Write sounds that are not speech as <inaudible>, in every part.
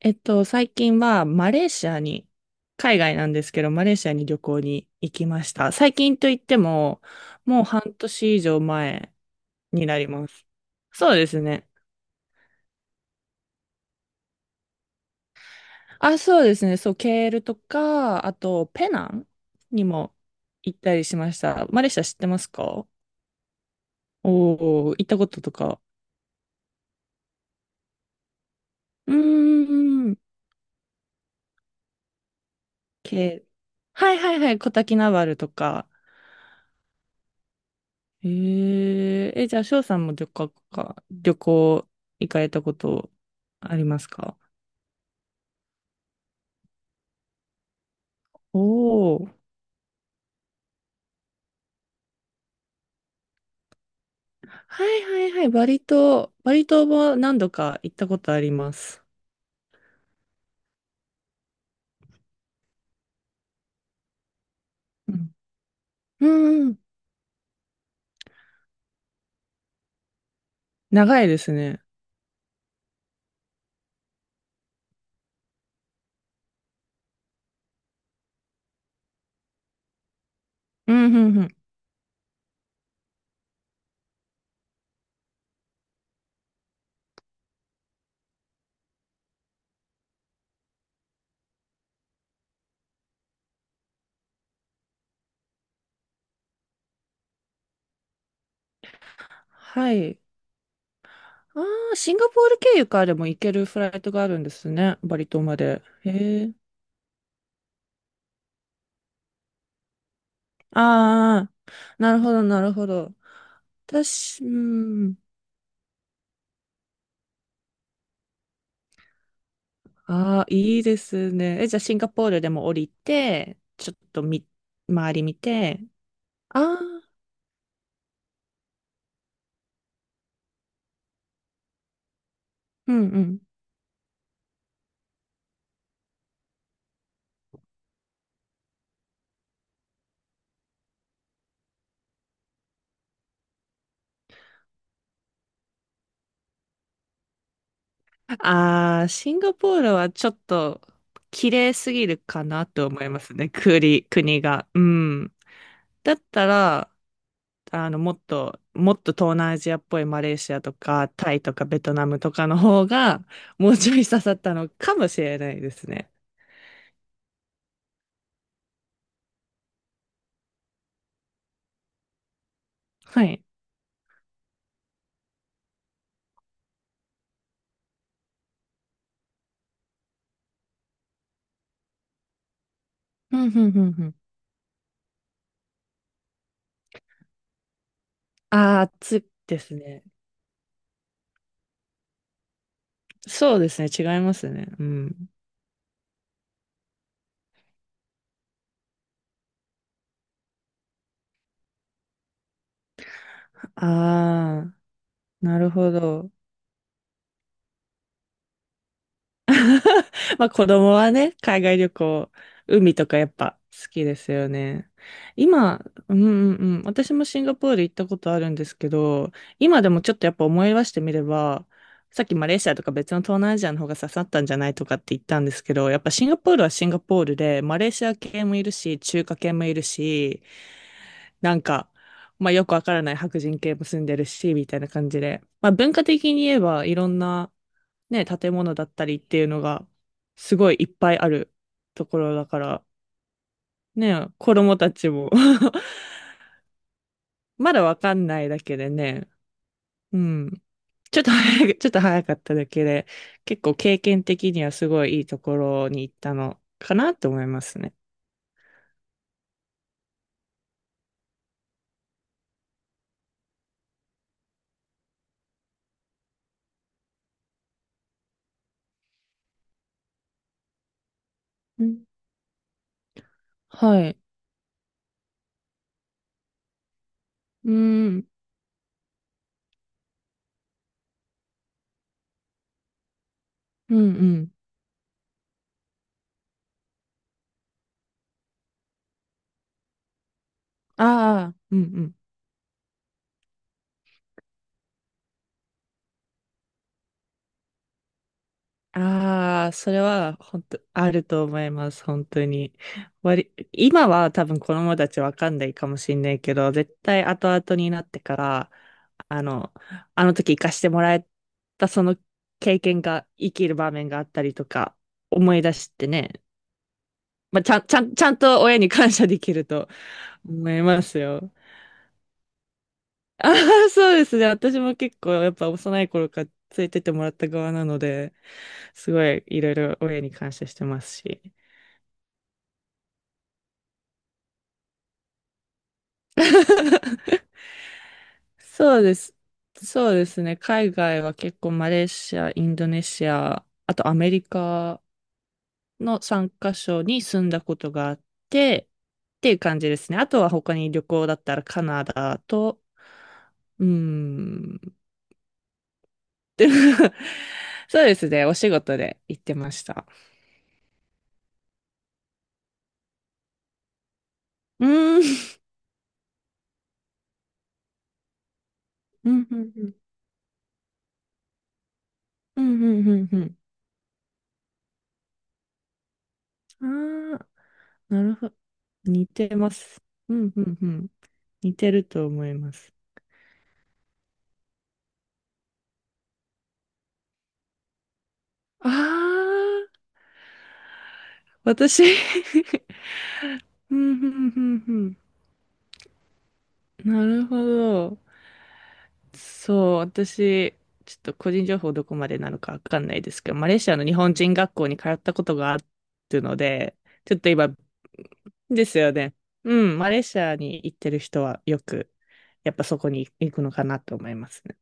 最近はマレーシアに、海外なんですけど、マレーシアに旅行に行きました。最近といっても、もう半年以上前になります。そうですね。あ、そうですね。そう、ケールとか、あと、ペナンにも行ったりしました。マレーシア知ってますか？おー、行ったこととか。うーん、ケール。はいはいはい、コタキナバルとか、じゃあ、翔さんも旅行か、旅行行かれたことありますか？おおー。はいはいはい。バリ島、バリ島も何度か行ったことあります。うん。うんうん。長いですね。うんうんうん。はい。ああ、シンガポール経由からでも行けるフライトがあるんですね。バリ島まで。へえ。ああ、なるほどなるほど。私、うん。ああ、いいですね。じゃあシンガポールでも降りて、ちょっとみ、周り見て。ああ、うんうん。ああ、シンガポールはちょっと綺麗すぎるかなと思いますね。国が。うん。だったら、もっと東南アジアっぽいマレーシアとか、タイとかベトナムとかの方が、もうちょい刺さったのかもしれないですね。はい。うんうんうんうん。ああ、つですね。そうですね、違いますね。うん。ああ、なるほど。まあ子供はね、海外旅行、海とかやっぱ好きですよね。今、うんうんうん、私もシンガポール行ったことあるんですけど、今でもちょっとやっぱ思い出してみれば、さっきマレーシアとか別の東南アジアの方が刺さったんじゃないとかって言ったんですけど、やっぱシンガポールはシンガポールで、マレーシア系もいるし、中華系もいるし、なんか、まあよくわからない白人系も住んでるし、みたいな感じで。まあ文化的に言えばいろんなね、建物だったりっていうのがすごいいっぱいあるところだから、ね、子供たちも <laughs> まだわかんないだけでね、うん。ちょっと早かっただけで、結構経験的にはすごいいいところに行ったのかなと思いますね。うんはい。うん、うん、うん。ああ、うん、うん。ああ、それは本当あると思います、本当に。今は多分子供たちわかんないかもしれないけど、絶対後々になってから、あの、あの時生かしてもらえたその経験が生きる場面があったりとか、思い出してね、まあ、ちゃんと親に感謝できると思いますよ。ああ、そうですね。私も結構やっぱ幼い頃から連れてってもらった側なので、すごいいろいろ親に感謝してますし。そうです。そうですね。海外は結構マレーシア、インドネシア、あとアメリカの3カ所に住んだことがあって、っていう感じですね。あとは他に旅行だったらカナダと、うーん。<laughs> そうですね。お仕事で行ってました。うーん。<laughs> うんうんうんうんうんうんうん。ああ、なるほど。似てます。うんうんうん。似てると思います。ああ、私 <laughs> うんうんうんうん。なるほど。そう、私、ちょっと個人情報どこまでなのかわかんないですけど、マレーシアの日本人学校に通ったことがあるので、ちょっと今、ですよね。うん、マレーシアに行ってる人はよく、やっぱそこに行くのかなと思いますね。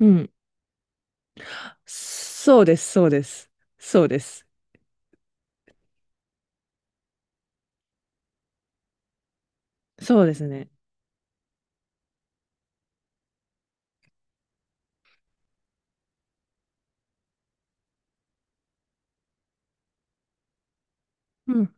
うんそうです、そうです。そうです。そうですね。うん。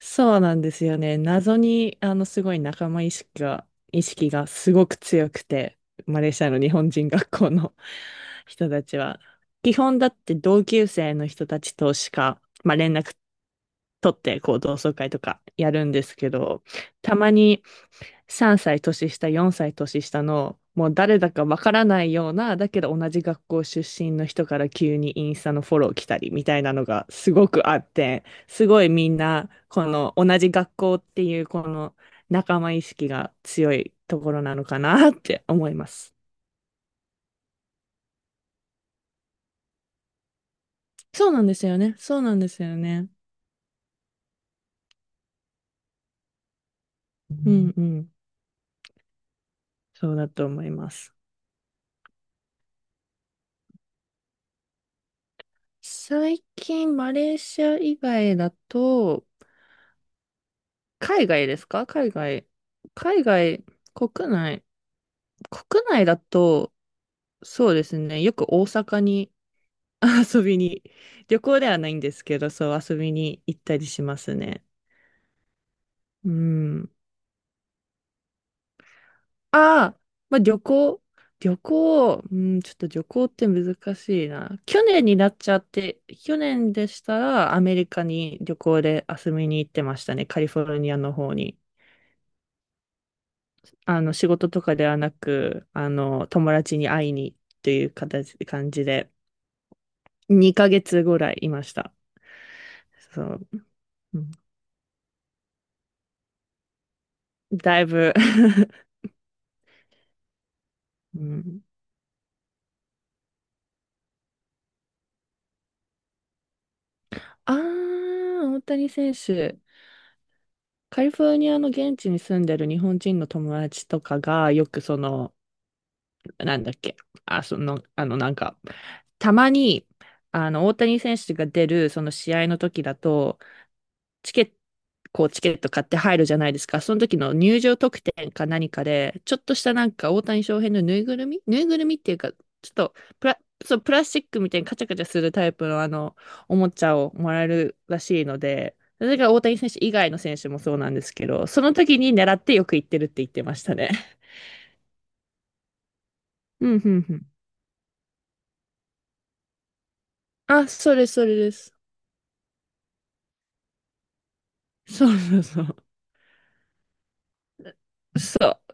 そうなんですよね。謎に、すごい仲間意識が、意識がすごく強くて、マレーシアの日本人学校の <laughs> 人たちは。基本だって同級生の人たちとしか、まあ、連絡取って、こう、同窓会とかやるんですけど、たまに3歳年下、4歳年下の、もう誰だかわからないような、だけど同じ学校出身の人から急にインスタのフォロー来たりみたいなのがすごくあって、すごいみんな、この同じ学校っていうこの仲間意識が強いところなのかなって思います。そうなんですよね。そうなんですよね。うんんうん。そうだと思います。最近、マレーシア以外だと、海外ですか？海外。海外、国内。国内だと、そうですね。よく大阪に <laughs> 遊びに、旅行ではないんですけど、そう遊びに行ったりしますね。うん。ああ、まあ旅行、うん、ちょっと旅行って難しいな。去年になっちゃって、去年でしたらアメリカに旅行で遊びに行ってましたね、カリフォルニアの方に。仕事とかではなく、友達に会いにという感じで、2ヶ月ぐらいいました。そう。うんだいぶ <laughs> うん、ああ、大谷選手。カリフォルニアの現地に住んでる日本人の友達とかが、よくその、なんだっけ、その、なんか、たまに、大谷選手が出る、その試合の時だと、チケット、こうチケット買って入るじゃないですか。その時の入場特典か何かで、ちょっとしたなんか大谷翔平のぬいぐるみっていうか、ちょっとプラ、そう、プラスチックみたいにカチャカチャするタイプのおもちゃをもらえるらしいので、それが大谷選手以外の選手もそうなんですけど、その時に狙ってよく行ってるって言ってましたね。うん、うん、うん。それそれです。そうそうそう。そう。